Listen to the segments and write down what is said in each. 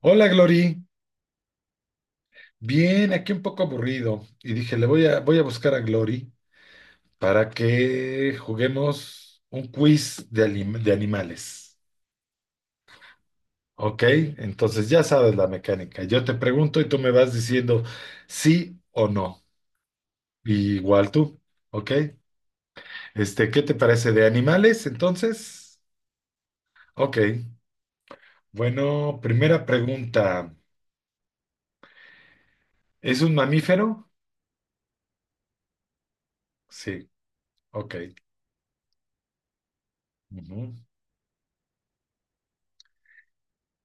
Hola Glory, bien, aquí un poco aburrido y dije, voy a buscar a Glory para que juguemos un quiz de, de animales. ¿Ok? Entonces ya sabes la mecánica. Yo te pregunto y tú me vas diciendo sí o no. Y igual tú, ¿ok? ¿Qué te parece de animales entonces? Ok, bueno, primera pregunta. ¿Es un mamífero? Sí, ok. Ujú.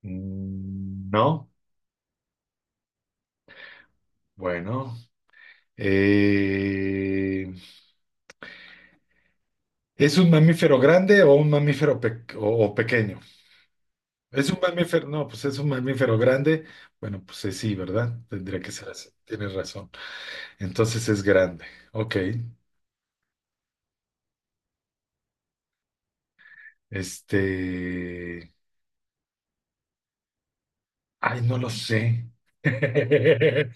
Mm, no, bueno. Eh, ¿es un mamífero grande o un mamífero o pequeño? Es un mamífero, no, pues es un mamífero grande. Bueno, pues sí, ¿verdad? Tendría que ser así. Tienes razón. Entonces es grande. Ok. Este. Ay, no lo sé.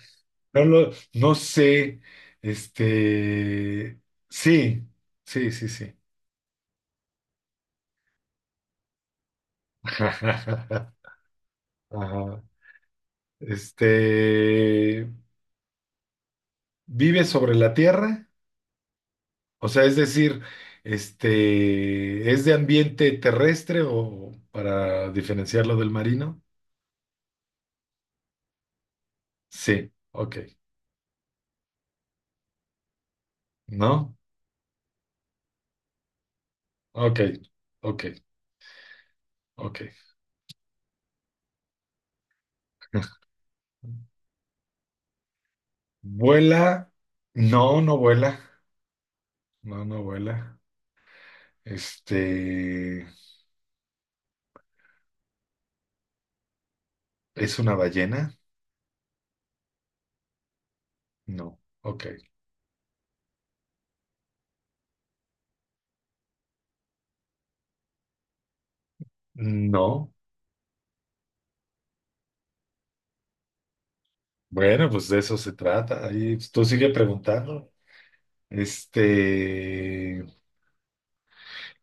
No sé. Este. Sí, sí, sí, sí. Ajá. Este. ¿Vive sobre la tierra? O sea, es decir, ¿es de ambiente terrestre o para diferenciarlo del marino? Sí, ok. ¿No? Ok, ok, ok. ¿Vuela? No, no vuela. No, no vuela. Este, ¿es una ballena? No. Ok. No. Bueno, pues de eso se trata. Ahí tú sigue preguntando. Este,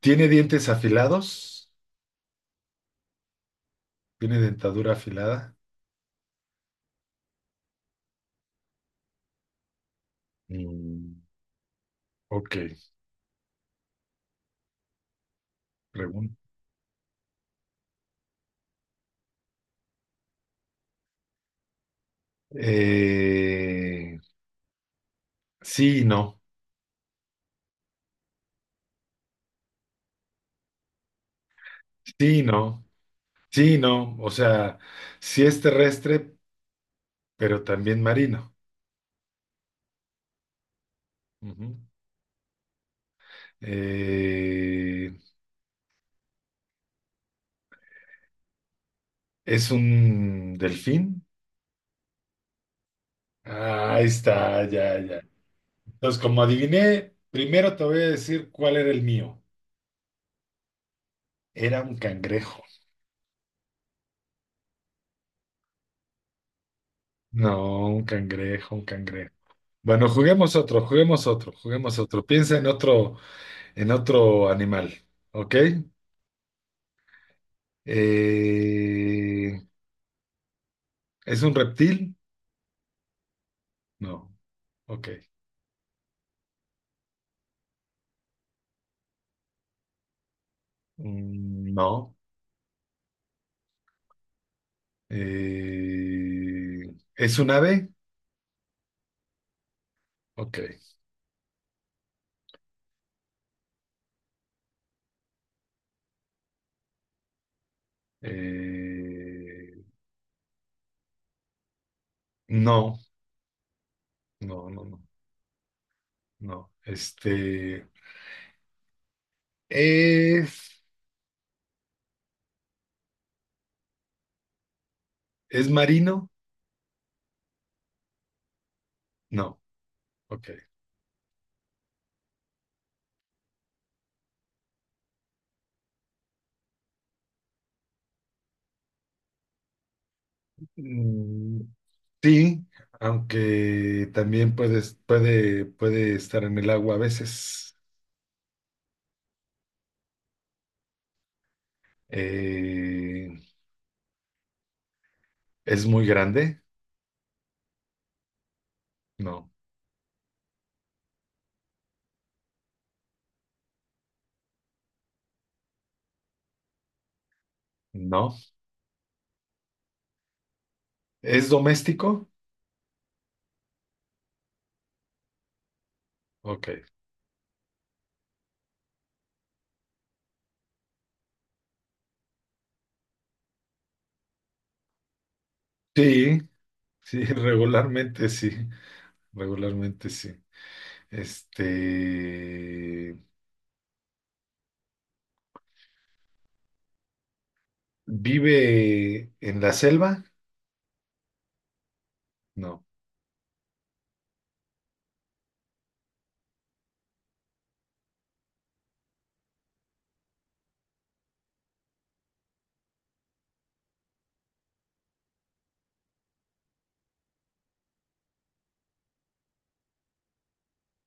¿tiene dientes afilados? ¿Tiene dentadura afilada? Mm, ok, pregunta. Eh, sí, y no. Sí, y no. Sí, y no. O sea, sí es terrestre, pero también marino. Ujú. Eh, ¿es un delfín? Ah, ahí está, ya, ya. Entonces, como adiviné, primero te voy a decir cuál era el mío. Era un cangrejo. No, un cangrejo, un cangrejo. Bueno, juguemos otro, juguemos otro, juguemos otro. Piensa en otro animal, ¿ok? Eh, ¿es un reptil? No, ok. Mm, no. Eh, ¿es un ave? Ok. Eh, no, no, no, no, no. ¿Es, es marino? No, ok. Mm, sí, aunque también puede estar en el agua a veces. Eh, ¿Es muy grande? No, no. ¿Es doméstico? Ok. Sí, sí, regularmente sí, regularmente sí. Este, ¿vive en la selva? No.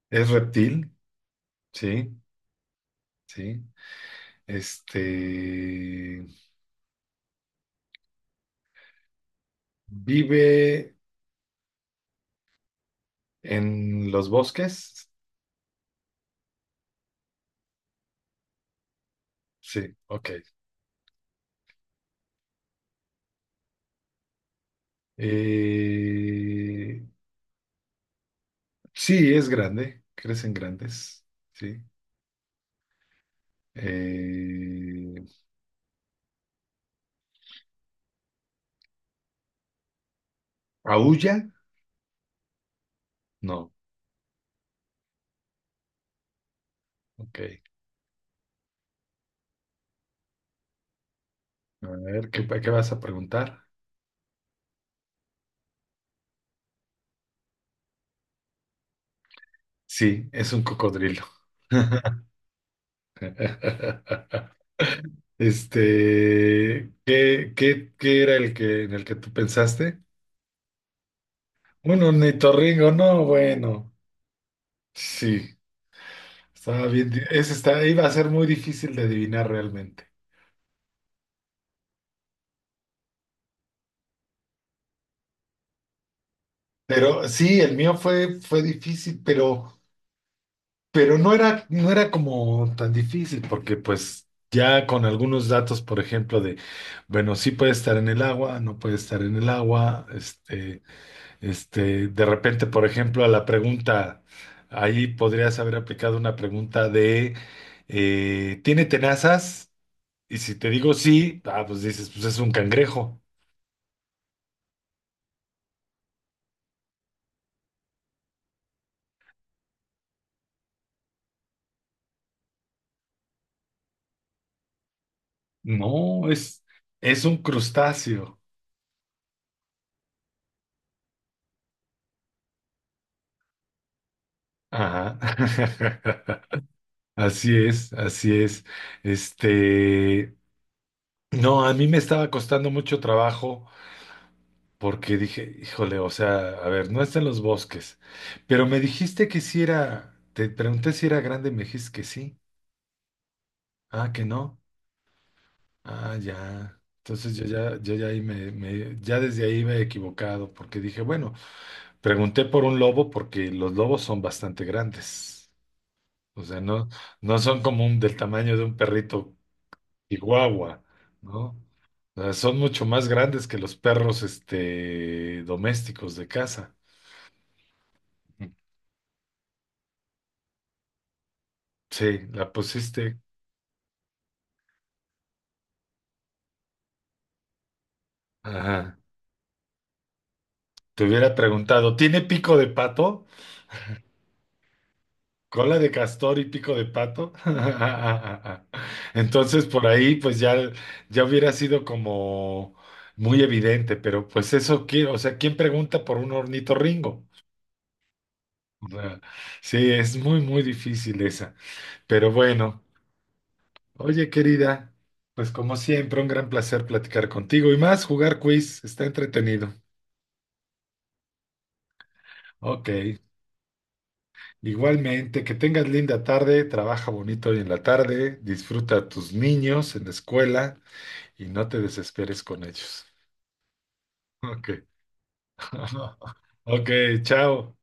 ¿Es reptil? Sí, sí. Este, ¿vive en los bosques? Sí, ok. Eh, sí, es grande, crecen grandes, sí. Eh, ¿Aúlla? No. Ok. A ver, ¿Qué vas a preguntar? Sí, es un cocodrilo. ¿Qué era el que en el que tú pensaste? Un ornitorrinco, no, bueno. Sí, estaba bien. Iba a ser muy difícil de adivinar realmente. Pero sí, el mío fue difícil, pero. Pero no era como tan difícil, porque pues ya con algunos datos, por ejemplo, de, bueno, sí puede estar en el agua, no puede estar en el agua, de repente, por ejemplo, a la pregunta, ahí podrías haber aplicado una pregunta de, ¿tiene tenazas? Y si te digo sí, ah, pues dices, pues es un cangrejo. No, es un crustáceo. Ajá. Así es, así es. Este, No, a mí me estaba costando mucho trabajo porque dije, híjole, o sea, a ver, no está en los bosques, pero me dijiste que si era, te pregunté si era grande y me dijiste que sí, ah, que no, ah, ya. Entonces yo ya ahí ya desde ahí me he equivocado porque dije, bueno, pregunté por un lobo porque los lobos son bastante grandes, o sea, no, no son como del tamaño de un perrito chihuahua, ¿no? Son mucho más grandes que los perros, domésticos de casa. Ujú. Sí, la pusiste. Ajá. Te hubiera preguntado, ¿tiene pico de pato? ¿Cola de castor y pico de pato? Entonces por ahí pues ya hubiera sido como muy evidente, pero pues eso, o sea, ¿quién pregunta por un ornitorrinco? O sea, sí, es muy, muy difícil esa. Pero bueno. Oye, querida, pues como siempre, un gran placer platicar contigo y más jugar quiz, está entretenido. Ok, igualmente, que tengas linda tarde, trabaja bonito hoy en la tarde, disfruta a tus niños en la escuela y no te desesperes con ellos. Ok, ok, chao.